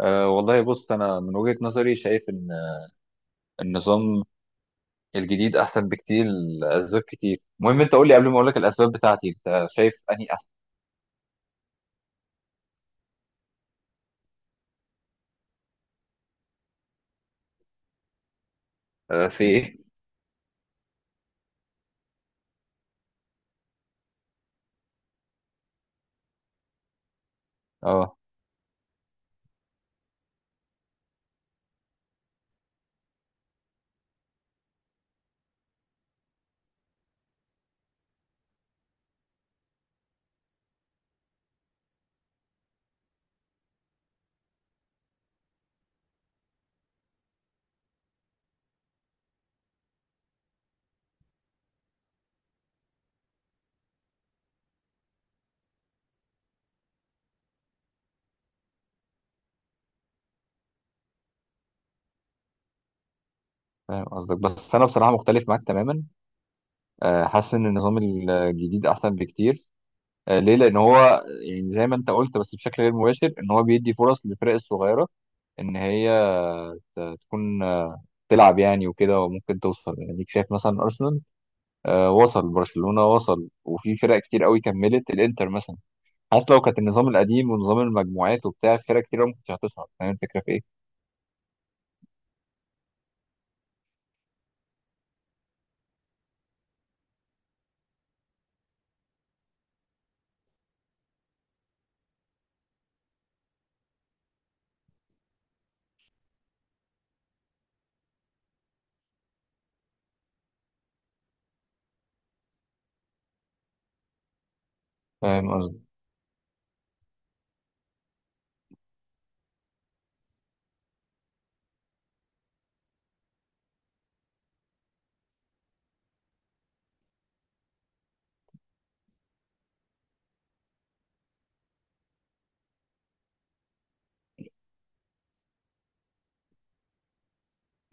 أه والله بص، أنا من وجهة نظري شايف إن النظام الجديد أحسن بكتير لأسباب كتير. المهم أنت قول لي قبل ما أقول لك الأسباب بتاعتي، أنت شايف أنهي أحسن؟ أه في إيه؟ أه فاهم قصدك، بس أنا بصراحة مختلف معاك تماما. أه حاسس إن النظام الجديد أحسن بكتير. أه ليه؟ لأن هو يعني زي ما أنت قلت بس بشكل غير مباشر، إن هو بيدي فرص للفرق الصغيرة إن هي تكون تلعب يعني وكده، وممكن توصل. يعني شايف مثلا أرسنال وصل، برشلونة وصل، وفي فرق كتير قوي كملت، الانتر مثلا. حاسس لو كانت النظام القديم ونظام المجموعات وبتاع، في فرق كتير قوي ما كانتش هتصعد. فاهم الفكرة في ايه؟ فاهم قصدي.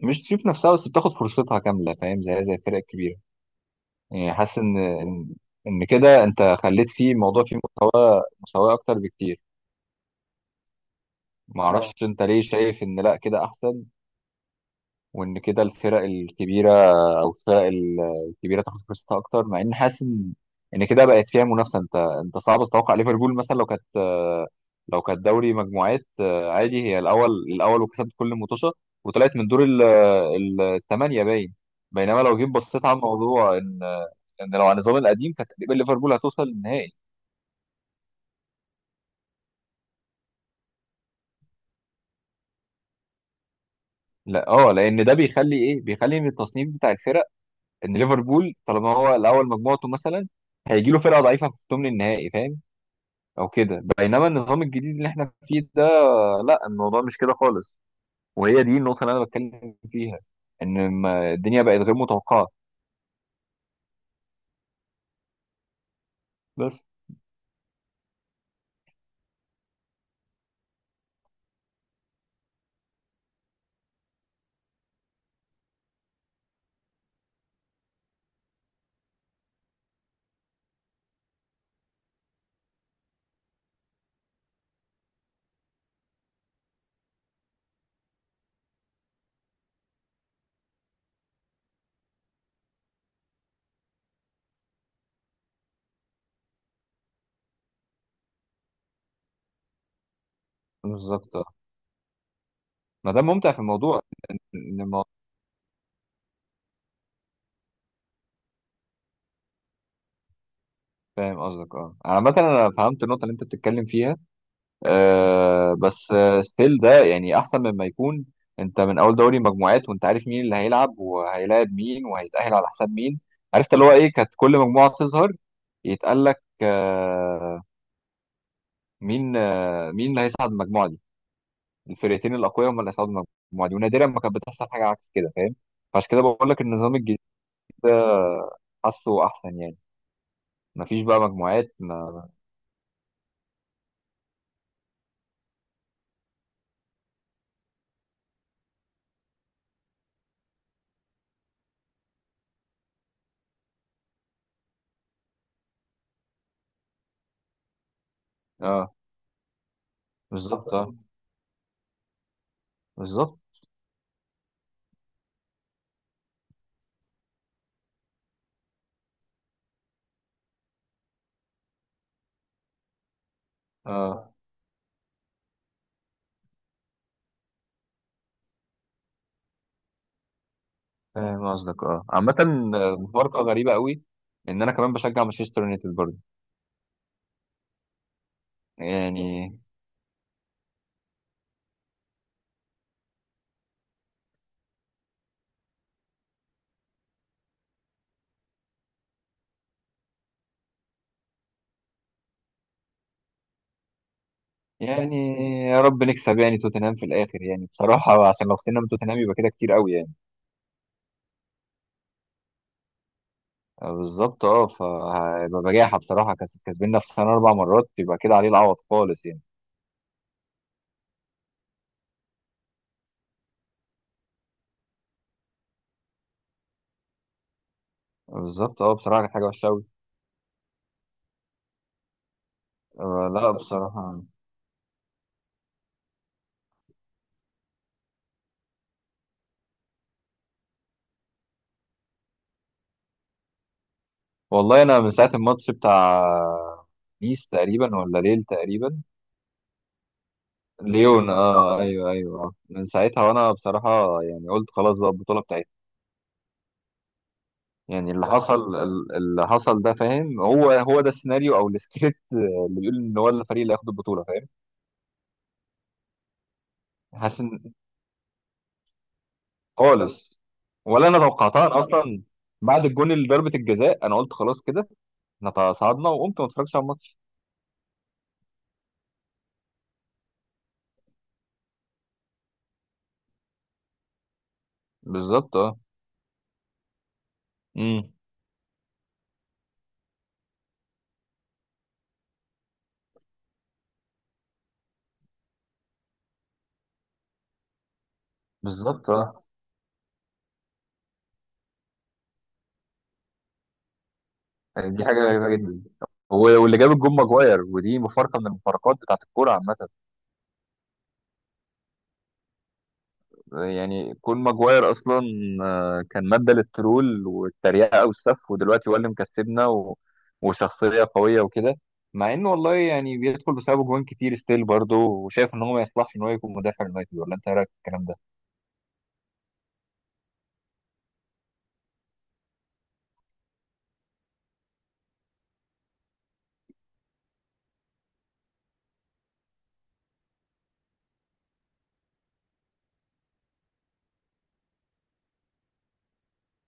مش تشوف نفسها بس، بتاخد فرصتها كاملة فاهم، زي زي الفرق الكبيرة. يعني حاسس ان إن كده انت خليت فيه الموضوع فيه مستوى مساواة اكتر بكتير. ما اه اعرفش انت ليه شايف ان لا كده احسن، وان كده الفرق الكبيره او الفرق الكبيره تاخد فرصتها اكتر، مع ان حاسس ان ان كده بقت فيها منافسه. انت صعب تتوقع ليفربول مثلا لو كانت، لو كانت دوري مجموعات عادي هي الاول، الاول وكسبت كل المطوشه وطلعت من دور الثمانيه باين. بينما لو جيت بصيت على الموضوع ان ان لو على النظام القديم كانت تقريبا ليفربول هتوصل للنهائي. لا اه، لان ده بيخلي ايه، بيخلي من التصنيف بتاع الفرق، ان ليفربول طالما هو الاول مجموعته مثلا هيجي له فرقه ضعيفه في ثمن النهائي، فاهم او كده. بينما النظام الجديد اللي احنا فيه ده، لا الموضوع مش كده خالص، وهي دي النقطه اللي انا بتكلم فيها. ان الدنيا بقت غير متوقعه. بس بالظبط اه. ما ده ممتع في الموضوع، ان الموضوع، فاهم قصدك اه. عامة انا فهمت النقطة اللي انت بتتكلم فيها، آه، بس ستيل ده يعني احسن مما يكون انت من اول دوري مجموعات وانت عارف مين اللي هيلعب وهيلاعب مين وهيتأهل على حساب مين. عرفت اللي هو ايه، كانت كل مجموعة تظهر يتقال لك مين، مين اللي هيصعد المجموعه دي. الفرقتين الاقوياء هم اللي هيصعدوا المجموعه دي، ونادرا ما كانت بتحصل حاجه عكس كده، فاهم. فعشان كده بقول لك النظام الجديد ده حاسه احسن يعني. مفيش بقى مجموعات. ما اه. بالظبط اه. بالظبط اه. فاهم قصدك اه. عامه مفارقه غريبه قوي ان انا كمان بشجع مانشستر يونايتد برضه يعني. يعني يا رب نكسب يعني توتنهام في الاخر، يعني بصراحه عشان لو خسرنا من توتنهام يبقى كده كتير قوي يعني. بالظبط اه. فهيبقى بجاحه بصراحه، كسبنا في سنه اربع مرات يبقى كده عليه العوض خالص يعني. بالظبط اه. بصراحه كانت حاجه وحشه قوي. آه لا بصراحه. والله انا من ساعه الماتش بتاع نيس تقريبا ولا ليل تقريبا. ليون اه، ايوه ايوه. آه. من ساعتها وانا بصراحه يعني قلت خلاص بقى البطوله بتاعتنا. يعني اللي حصل اللي حصل ده، فاهم، هو ده السيناريو او السكريبت اللي بيقول ان هو الفريق اللي هياخد البطوله، فاهم. حاسس ان خالص. ولا انا توقعتها انا اصلا. بعد الجون اللي ضربة الجزاء انا قلت خلاص كده احنا تصعدنا، وقمت ما اتفرجتش على الماتش. بالظبط اه. امم بالظبط اه. يعني دي حاجه غريبه جدا. واللي جاب الجون ماجواير، ودي مفارقه من المفارقات بتاعت الكوره عامه. يعني كون ماجواير اصلا كان ماده للترول والتريقه والسف، ودلوقتي هو اللي مكسبنا، و وشخصيه قويه وكده، مع انه والله يعني بيدخل بسببه جوان كتير ستيل برضه، وشايف ان هو ما يصلحش ان هو يكون مدافع اليونايتد. ولا انت إيه رايك الكلام ده؟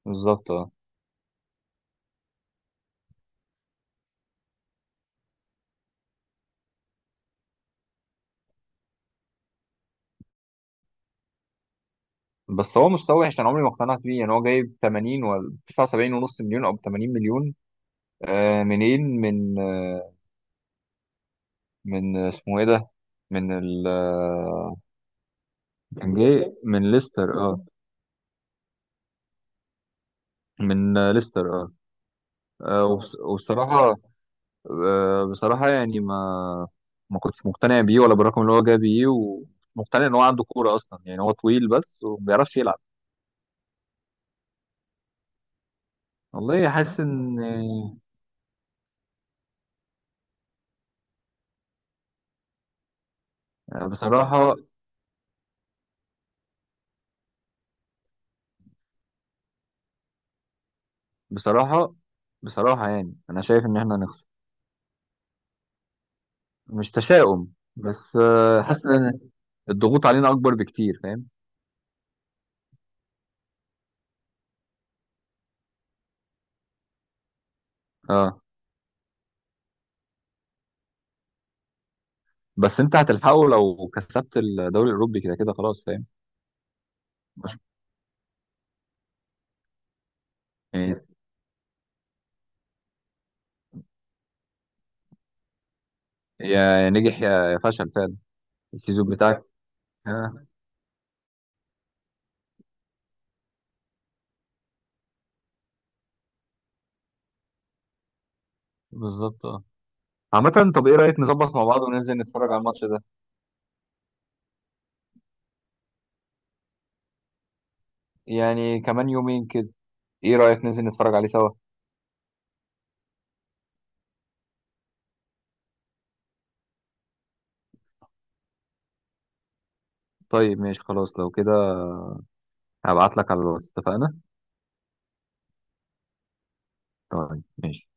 بالظبط اه. بس هو مستوى وحش انا عمري ما اقتنعت بيه، يعني هو جايب 80 ولا 79 ونص مليون او 80 مليون. منين، من من اسمه ايه ده، من ال كان جاي من ليستر اه. من ليستر اه. وبصراحة، آه بصراحة يعني ما ما كنتش مقتنع بيه ولا بالرقم اللي هو جاب بيه، ومقتنع ان هو عنده كورة اصلا. يعني هو طويل بس وما بيعرفش يلعب. والله حاسس ان بصراحة، بصراحة، بصراحة يعني أنا شايف إن إحنا هنخسر. مش تشاؤم بس حاسس إن الضغوط علينا أكبر بكتير، فاهم. أه بس أنت هتلحقه لو كسبت الدوري الأوروبي كده كده، خلاص فاهم. مش يعني، يا يا نجح يا يا فشل فعلا. السيزون بتاعك أه. بالظبط أه. عامة طب إيه رأيك نظبط مع بعض وننزل نتفرج على الماتش ده؟ يعني كمان يومين كده. إيه رأيك ننزل نتفرج عليه سوا؟ طيب ماشي خلاص لو كده هبعت لك على الواتس، اتفقنا. طيب ماشي.